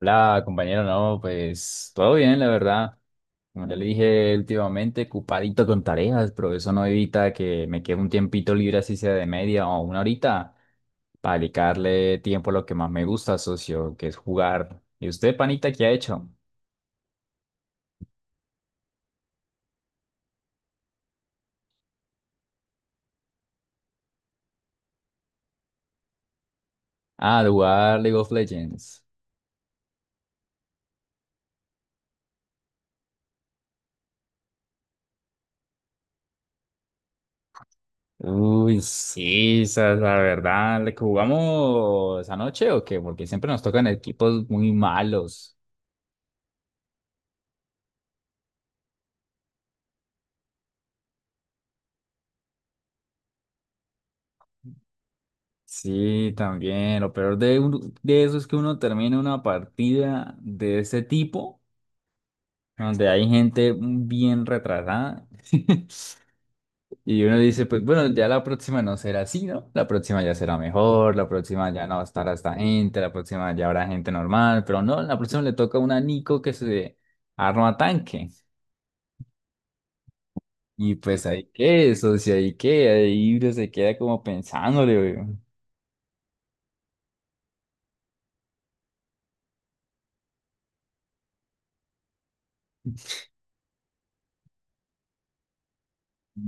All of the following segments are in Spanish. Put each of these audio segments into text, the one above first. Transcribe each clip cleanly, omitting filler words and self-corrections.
Hola, compañero, no, pues todo bien, la verdad. Como ya le dije últimamente, ocupadito con tareas, pero eso no evita que me quede un tiempito libre, así sea de media o una horita, para dedicarle tiempo a lo que más me gusta, socio, que es jugar. ¿Y usted, panita, qué ha hecho? Ah, de jugar League of Legends. Uy, sí, esa es la verdad. ¿Le jugamos anoche o qué? Porque siempre nos tocan equipos muy malos. Sí, también. Lo peor de eso es que uno termina una partida de ese tipo, donde hay gente bien retrasada, y uno dice, pues bueno, ya la próxima no será así, ¿no? La próxima ya será mejor, la próxima ya no estará esta gente, la próxima ya habrá gente normal, pero no, la próxima le toca a una Nico que se arma tanque. Y pues ahí que eso, si ahí que, ahí uno se queda como pensándole, güey.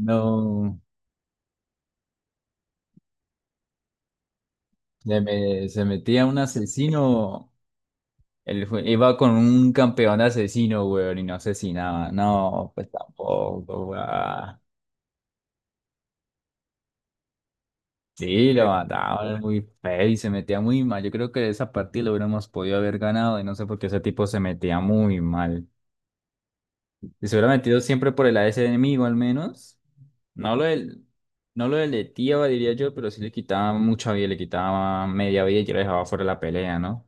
No, se metía un asesino. Iba con un campeón asesino, weón, y no asesinaba. No, pues tampoco, weón. Sí, lo mataban muy feo y se metía muy mal. Yo creo que esa partida lo hubiéramos podido haber ganado y no sé por qué ese tipo se metía muy mal. Y se hubiera metido siempre por el AS enemigo al menos. No lo del, no lo deleteaba, diría yo, pero sí le quitaba mucha vida, le quitaba media vida y ya lo dejaba fuera de la pelea, ¿no?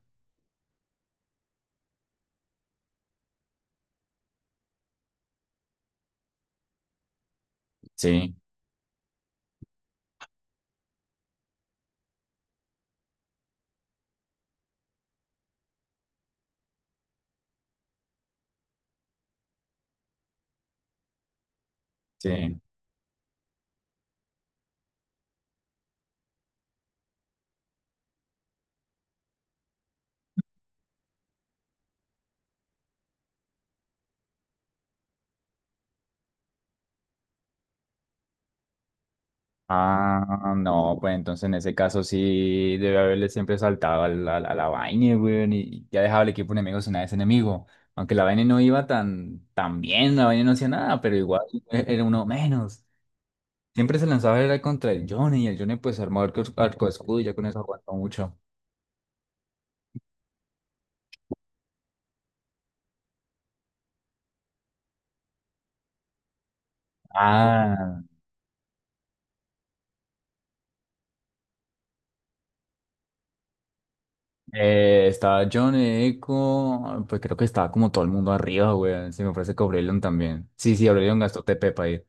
Sí, sí. Ah, no, pues entonces en ese caso sí debe haberle siempre saltado a la vaina, weón, y ya dejaba el equipo enemigo sin nada de ese enemigo. Aunque la vaina no iba tan bien, la vaina no hacía nada, pero igual era uno menos. Siempre se lanzaba era contra el Johnny, y el Johnny pues armó arco escudo y ya con eso aguantó mucho. Ah, estaba John Eco, pues creo que estaba como todo el mundo arriba, weón. Se me parece que Aurelion también. Sí, sí, Aurelion gastó TP para ir.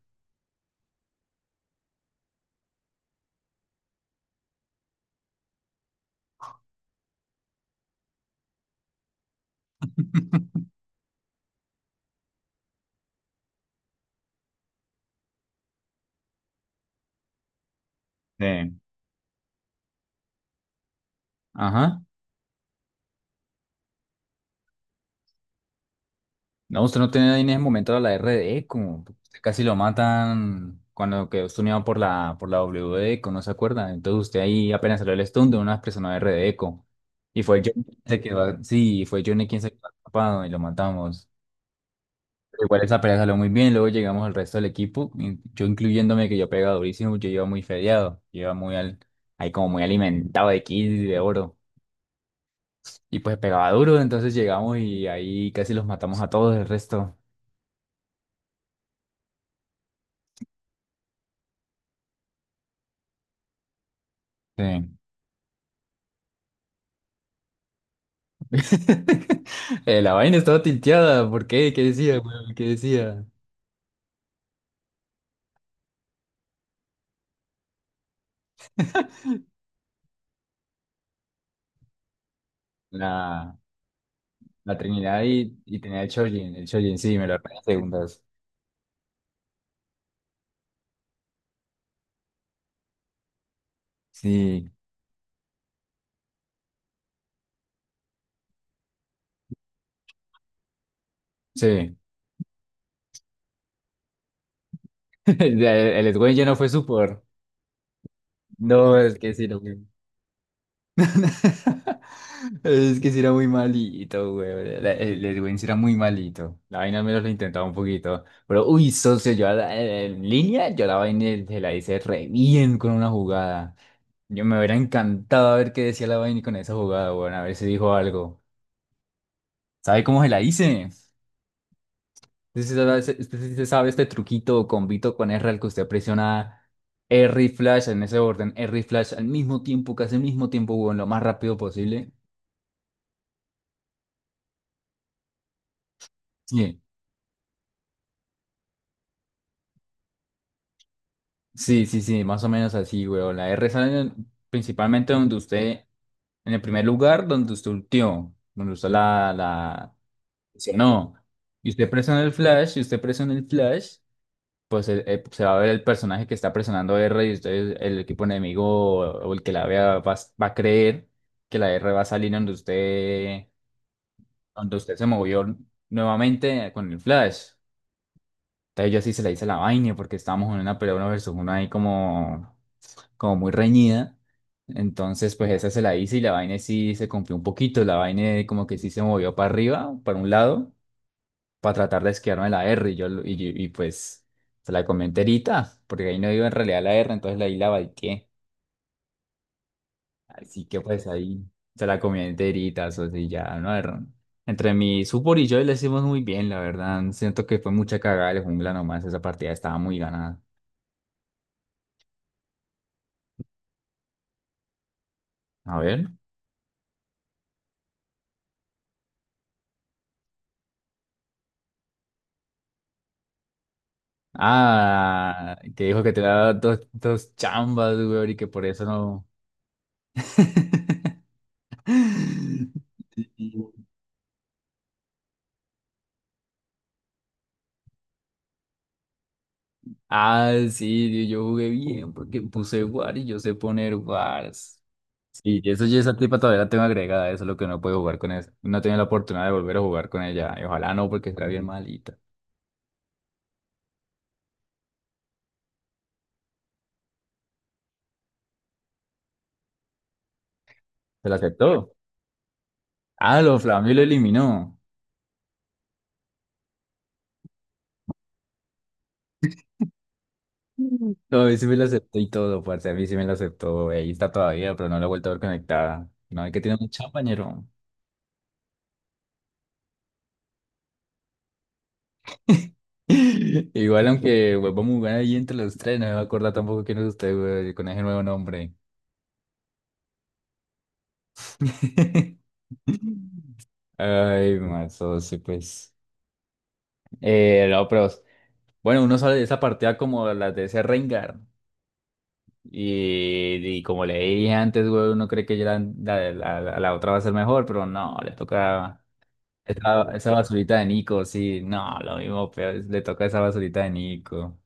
Sí. Ajá. No, usted no tenía en ese momento la RDE, como usted casi lo matan cuando quedó stuneado por la WD, ¿no se acuerda? Entonces usted ahí apenas salió el stun de una persona de RDE. Y fue Johnny quien se quedó, sí, fue Johnny quien se quedó atrapado y lo matamos. Pero igual esa pelea salió muy bien, luego llegamos al resto del equipo, in- yo incluyéndome que yo pegaba durísimo, yo iba muy fedeado, yo iba muy al, ahí como muy alimentado de kills y de oro. Y pues pegaba duro, entonces llegamos y ahí casi los matamos a todos el resto. Sí. La vaina estaba tilteada. ¿Por qué? ¿Qué decía, weón? ¿Qué decía? La, la Trinidad y, tenía el Chojin. El Chojin, sí, me lo arruiné en segundas. Sí, sí. El Edwin ya no fue por... No, es que sí, lo que... Es que sí era muy malito, güey. El Edwin sí era muy malito. La vaina al menos lo intentaba un poquito. Pero, uy, socio, yo en línea, yo la vaina se la hice re bien con una jugada. Yo me hubiera encantado a ver qué decía la vaina con esa jugada, bueno, a ver si dijo algo. ¿Sabe cómo se la hice? Usted sí sabe, usted sí se sabe este truquito o combito con R al que usted presiona R y Flash en ese orden, R y Flash al mismo tiempo, casi al mismo tiempo, weón, lo más rápido posible. Sí, sí, más o menos así, weón. La R sale en- Principalmente donde usted, en el primer lugar, donde usted ultió, donde usted Sí. No. Y usted presiona el flash, pues se va a ver el personaje que está presionando R y entonces el equipo enemigo o el que la vea va a creer que la R va a salir donde usted se movió nuevamente con el flash. Entonces yo así se la hice la vaina porque estábamos en una pelea uno versus uno ahí como muy reñida. Entonces pues esa se la hice y la vaina sí se cumplió un poquito. La vaina como que sí se movió para arriba, para un lado para tratar de esquivarme de la R. Y, yo, lo- y, yo- y pues se la comí enterita, porque ahí no iba en realidad la R, entonces ahí la balqué. Así que pues ahí se la comí enterita, eso sí, ya, no Era- entre mi supor y yo le hicimos muy bien, la verdad. Siento que fue mucha cagada de jungla nomás, esa partida estaba muy ganada. A ver. Ah, que dijo que te daba dos chambas, güey, y que por eso no. Ah, sí, yo jugué bien porque puse War y yo sé poner Wars. Sí, y eso ya esa tipa todavía la tengo agregada, eso es lo que no puedo jugar con esa. No he tenido la oportunidad de volver a jugar con ella. Y ojalá no, porque está bien malita. ¿Se la aceptó? Ah, lo Flamio lo eliminó. Mm. No, a mí sí me la aceptó y todo, parce. A mí sí me la aceptó. Ahí está todavía, pero no la he vuelto a ver conectada. No, hay que tiene mucho compañero. Igual, aunque pues, vamos a jugar ahí entre los tres, no me va a acordar tampoco quién es usted, güey, con ese nuevo nombre. Ay, mazo, sí, pues. No, pero bueno, uno sale de esa partida como las de ese Rengar. Y como le dije antes, güey, uno cree que ya la otra va a ser mejor, pero no, le toca esa basurita de Nico, sí, no, lo mismo, pero le toca esa basurita de Nico.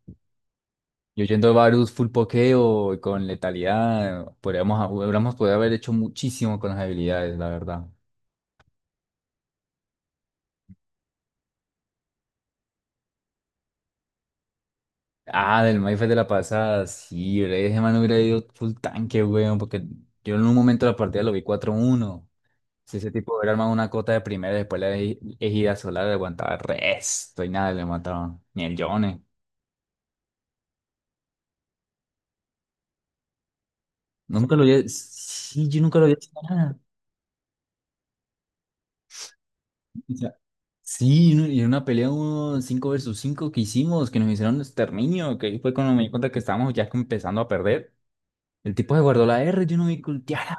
Yo yendo a Varus full pokeo y con letalidad, podríamos, hubiéramos podido haber hecho muchísimo con las habilidades, la verdad. Ah, del Mayfair de la pasada, sí, bre, ese man hubiera ido full tanque, weón, porque yo en un momento de la partida lo vi 4-1. Si ese tipo hubiera armado una cota de primera, después ejida solar le aguantaba resto y nada, le mataban. Ni el Yone. Nunca lo había. Sí, yo nunca lo había hecho nada. O sea, sí, en una pelea uno 5 versus 5 que hicimos, que nos hicieron exterminio, que ahí fue cuando me di cuenta que estábamos ya empezando a perder. El tipo se guardó la R, yo no vi cultear.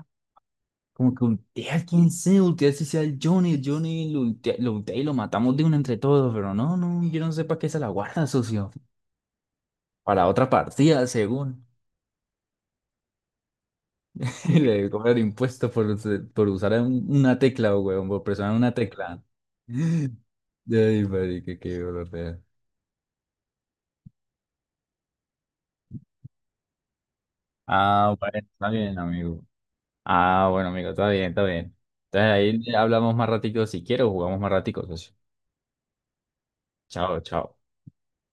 Como que ultea, quién sé, ultea si sea el Johnny lo ultea y lo matamos de una entre todos, pero no, yo no sé para qué se la guarda, socio. Para otra partida, según. Y le cobran impuestos por, por usar una tecla, weón, por presionar una tecla. Ay, marica, qué dolor de ver. Ah, bueno, está bien, amigo. Ah, bueno, amigo, está bien, está bien. Entonces ahí hablamos más ratico si quiero, jugamos más ratico, socio. Chao, chao.